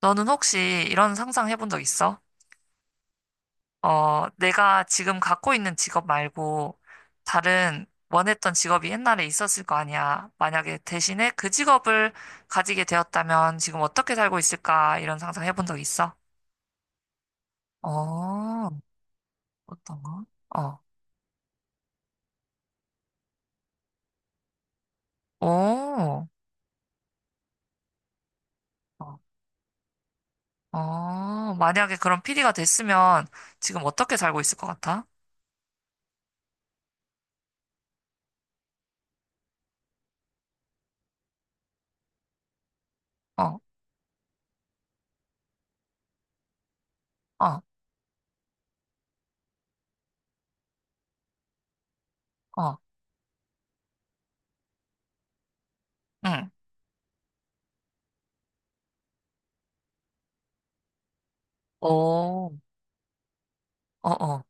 너는 혹시 이런 상상 해본 적 있어? 어, 내가 지금 갖고 있는 직업 말고 다른 원했던 직업이 옛날에 있었을 거 아니야. 만약에 대신에 그 직업을 가지게 되었다면 지금 어떻게 살고 있을까? 이런 상상 해본 적 있어? 어, 어떤 거? 어, 오, 어, 어, 만약에 그런 PD가 됐으면 지금 어떻게 살고 있을 것 같아? 어, 어, 어, 응. 오, 어, 어,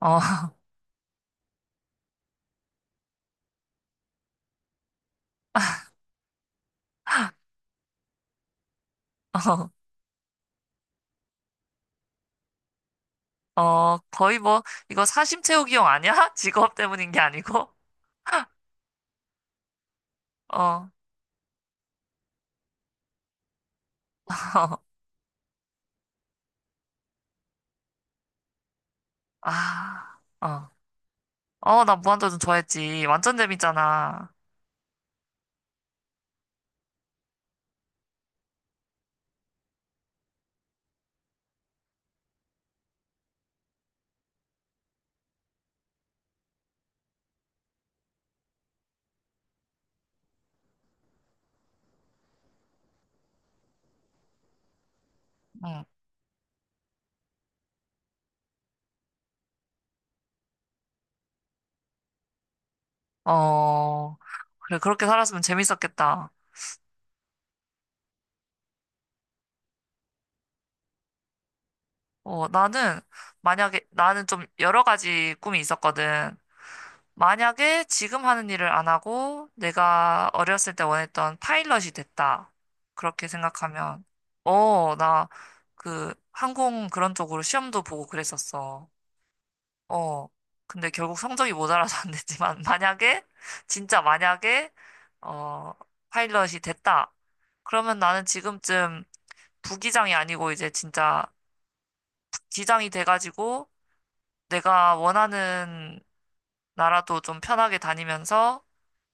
어, 어. 어, 거의 뭐, 이거 사심 채우기용 아니야? 직업 때문인 게 아니고? 어, 아, 어. 어, 나 무한도전 좋아했지. 완전 재밌잖아. 응. 어, 그래, 그렇게 살았으면 재밌었겠다. 어, 나는, 만약에, 나는 좀 여러 가지 꿈이 있었거든. 만약에 지금 하는 일을 안 하고 내가 어렸을 때 원했던 파일럿이 됐다. 그렇게 생각하면, 어, 나 그 항공 그런 쪽으로 시험도 보고 그랬었어. 어, 근데 결국 성적이 모자라서 안 됐지만, 만약에, 진짜 만약에, 어, 파일럿이 됐다. 그러면 나는 지금쯤 부기장이 아니고 이제 진짜 기장이 돼가지고 내가 원하는 나라도 좀 편하게 다니면서,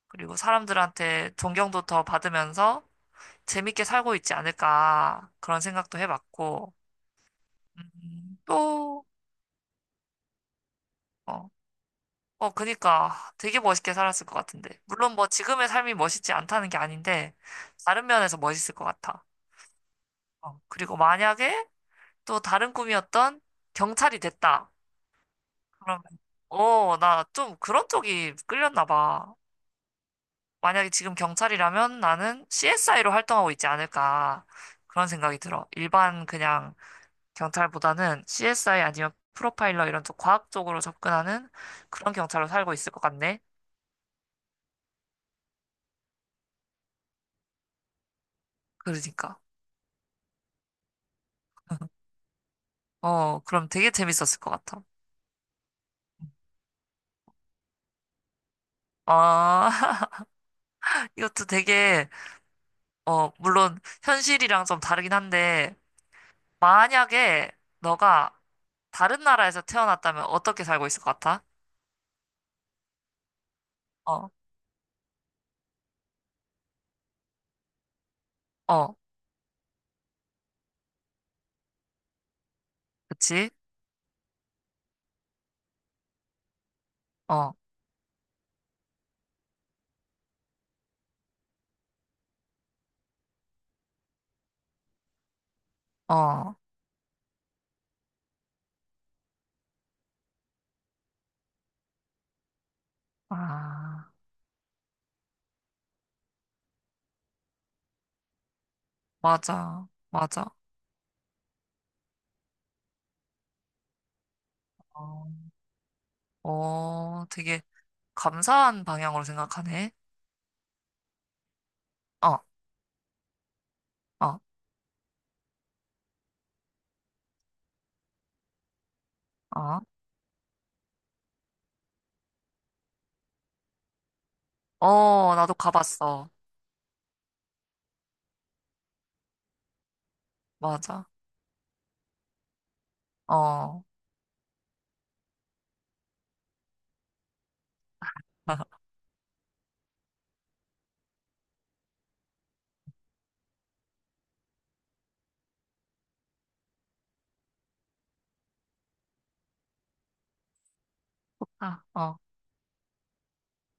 그리고 사람들한테 존경도 더 받으면서 재밌게 살고 있지 않을까. 그런 생각도 해봤고, 또, 어, 어, 그니까 되게 멋있게 살았을 것 같은데. 물론 뭐 지금의 삶이 멋있지 않다는 게 아닌데, 다른 면에서 멋있을 것 같아. 어, 그리고 만약에 또 다른 꿈이었던 경찰이 됐다. 그러면, 어, 나 좀 그런 쪽이 끌렸나 봐. 만약에 지금 경찰이라면 나는 CSI로 활동하고 있지 않을까. 그런 생각이 들어. 일반 그냥 경찰보다는 CSI 아니면 프로파일러 이런 쪽 과학 쪽으로 접근하는 그런 경찰로 살고 있을 것 같네. 그러니까. 어, 그럼 되게 재밌었을 것 같아. 아, 이것도 되게, 어, 물론 현실이랑 좀 다르긴 한데, 만약에 너가 다른 나라에서 태어났다면 어떻게 살고 있을 것 같아? 어, 어, 그치? 어, 어, 아, 맞아, 맞아. 어, 어, 되게 감사한 방향으로 생각하네. 어, 어, 어. 어, 나도 가봤어. 맞아. 어, 아, 어,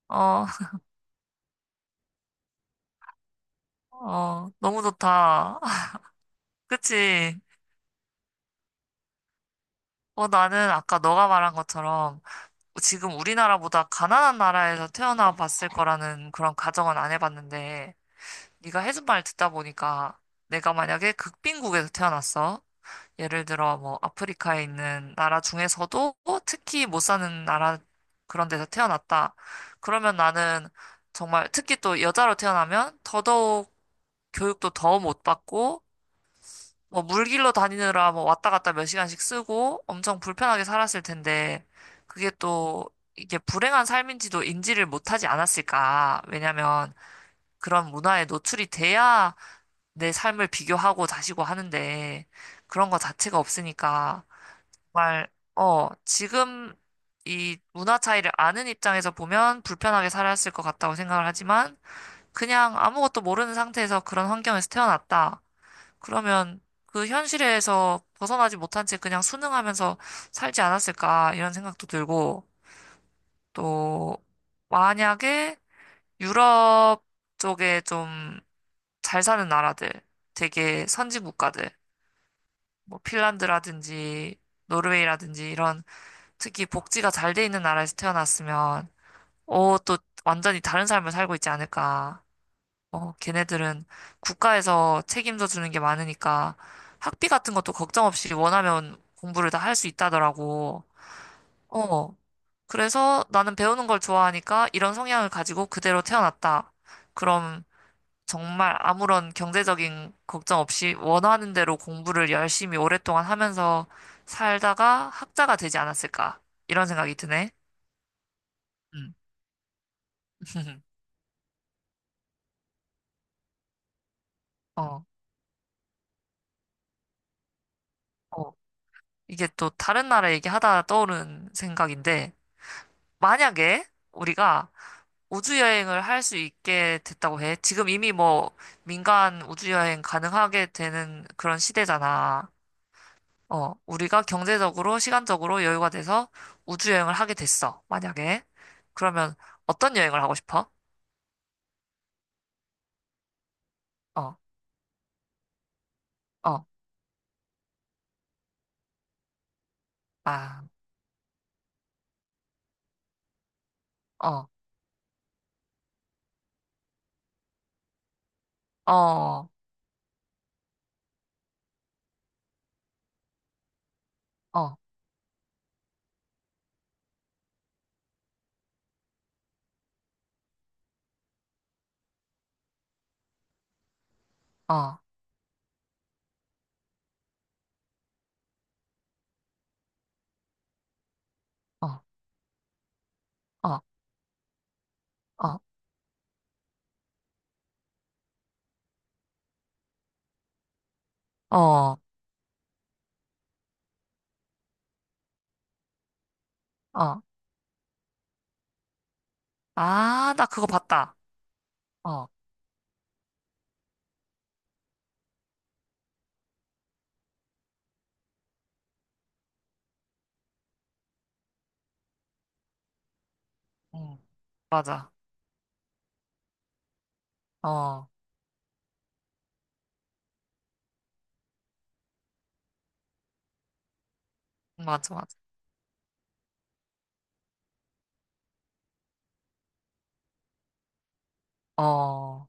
어, 어, 너무 좋다. 그치? 어, 나는 아까 너가 말한 것처럼 지금 우리나라보다 가난한 나라에서 태어나 봤을 거라는 그런 가정은 안 해봤는데, 네가 해준 말 듣다 보니까 내가 만약에 극빈국에서 태어났어. 예를 들어 뭐 아프리카에 있는 나라 중에서도 특히 못 사는 나라 그런 데서 태어났다. 그러면 나는 정말 특히 또 여자로 태어나면 더더욱 교육도 더 못 받고 뭐 물길로 다니느라 뭐 왔다 갔다 몇 시간씩 쓰고 엄청 불편하게 살았을 텐데 그게 또 이게 불행한 삶인지도 인지를 못하지 않았을까? 왜냐면 그런 문화에 노출이 돼야 내 삶을 비교하고 다시고 하는데 그런 거 자체가 없으니까 정말 어 지금 이 문화 차이를 아는 입장에서 보면 불편하게 살았을 것 같다고 생각을 하지만 그냥 아무것도 모르는 상태에서 그런 환경에서 태어났다. 그러면 그 현실에서 벗어나지 못한 채 그냥 순응하면서 살지 않았을까 이런 생각도 들고 또 만약에 유럽 쪽에 좀 잘 사는 나라들 되게 선진 국가들 뭐 핀란드라든지 노르웨이라든지 이런 특히 복지가 잘 돼 있는 나라에서 태어났으면 어 또 완전히 다른 삶을 살고 있지 않을까 어, 걔네들은 국가에서 책임져 주는 게 많으니까 학비 같은 것도 걱정 없이 원하면 공부를 다 할 수 있다더라고. 어. 그래서 나는 배우는 걸 좋아하니까 이런 성향을 가지고 그대로 태어났다. 그럼 정말 아무런 경제적인 걱정 없이 원하는 대로 공부를 열심히 오랫동안 하면서 살다가 학자가 되지 않았을까. 이런 생각이 드네. 음. 어, 어. 이게 또 다른 나라 얘기하다 떠오른 생각인데, 만약에 우리가 우주 여행을 할 수 있게 됐다고 해. 지금 이미 뭐 민간 우주 여행 가능하게 되는 그런 시대잖아. 어, 우리가 경제적으로, 시간적으로 여유가 돼서 우주 여행을 하게 됐어. 만약에. 그러면 어떤 여행을 하고 싶어? 어, 어, 아, 어, 어, 어, 어, 어, 어, 어, 어, 어. 아, 나 그거 봤다. 어, 응, 맞아. 어, 맞아, 맞아. 어.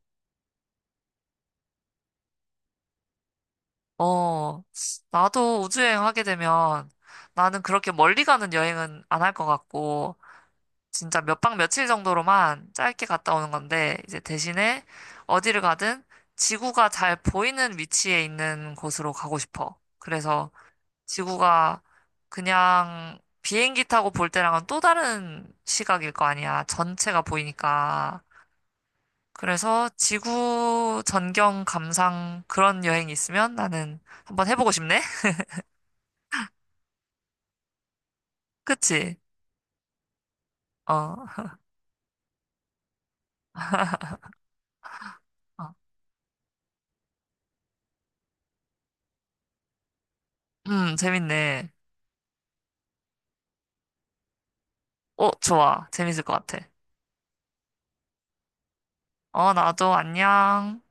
어, 나도 우주여행 하게 되면 나는 그렇게 멀리 가는 여행은 안 할 것 같고, 진짜 몇 박 며칠 정도로만 짧게 갔다 오는 건데, 이제 대신에 어디를 가든 지구가 잘 보이는 위치에 있는 곳으로 가고 싶어. 그래서 지구가 그냥 비행기 타고 볼 때랑은 또 다른 시각일 거 아니야. 전체가 보이니까. 그래서 지구 전경 감상 그런 여행이 있으면 나는 한번 해보고 싶네. 그치? 어, 어. 재밌네. 어, 좋아. 재밌을 것 같아. 어, 나도 안녕.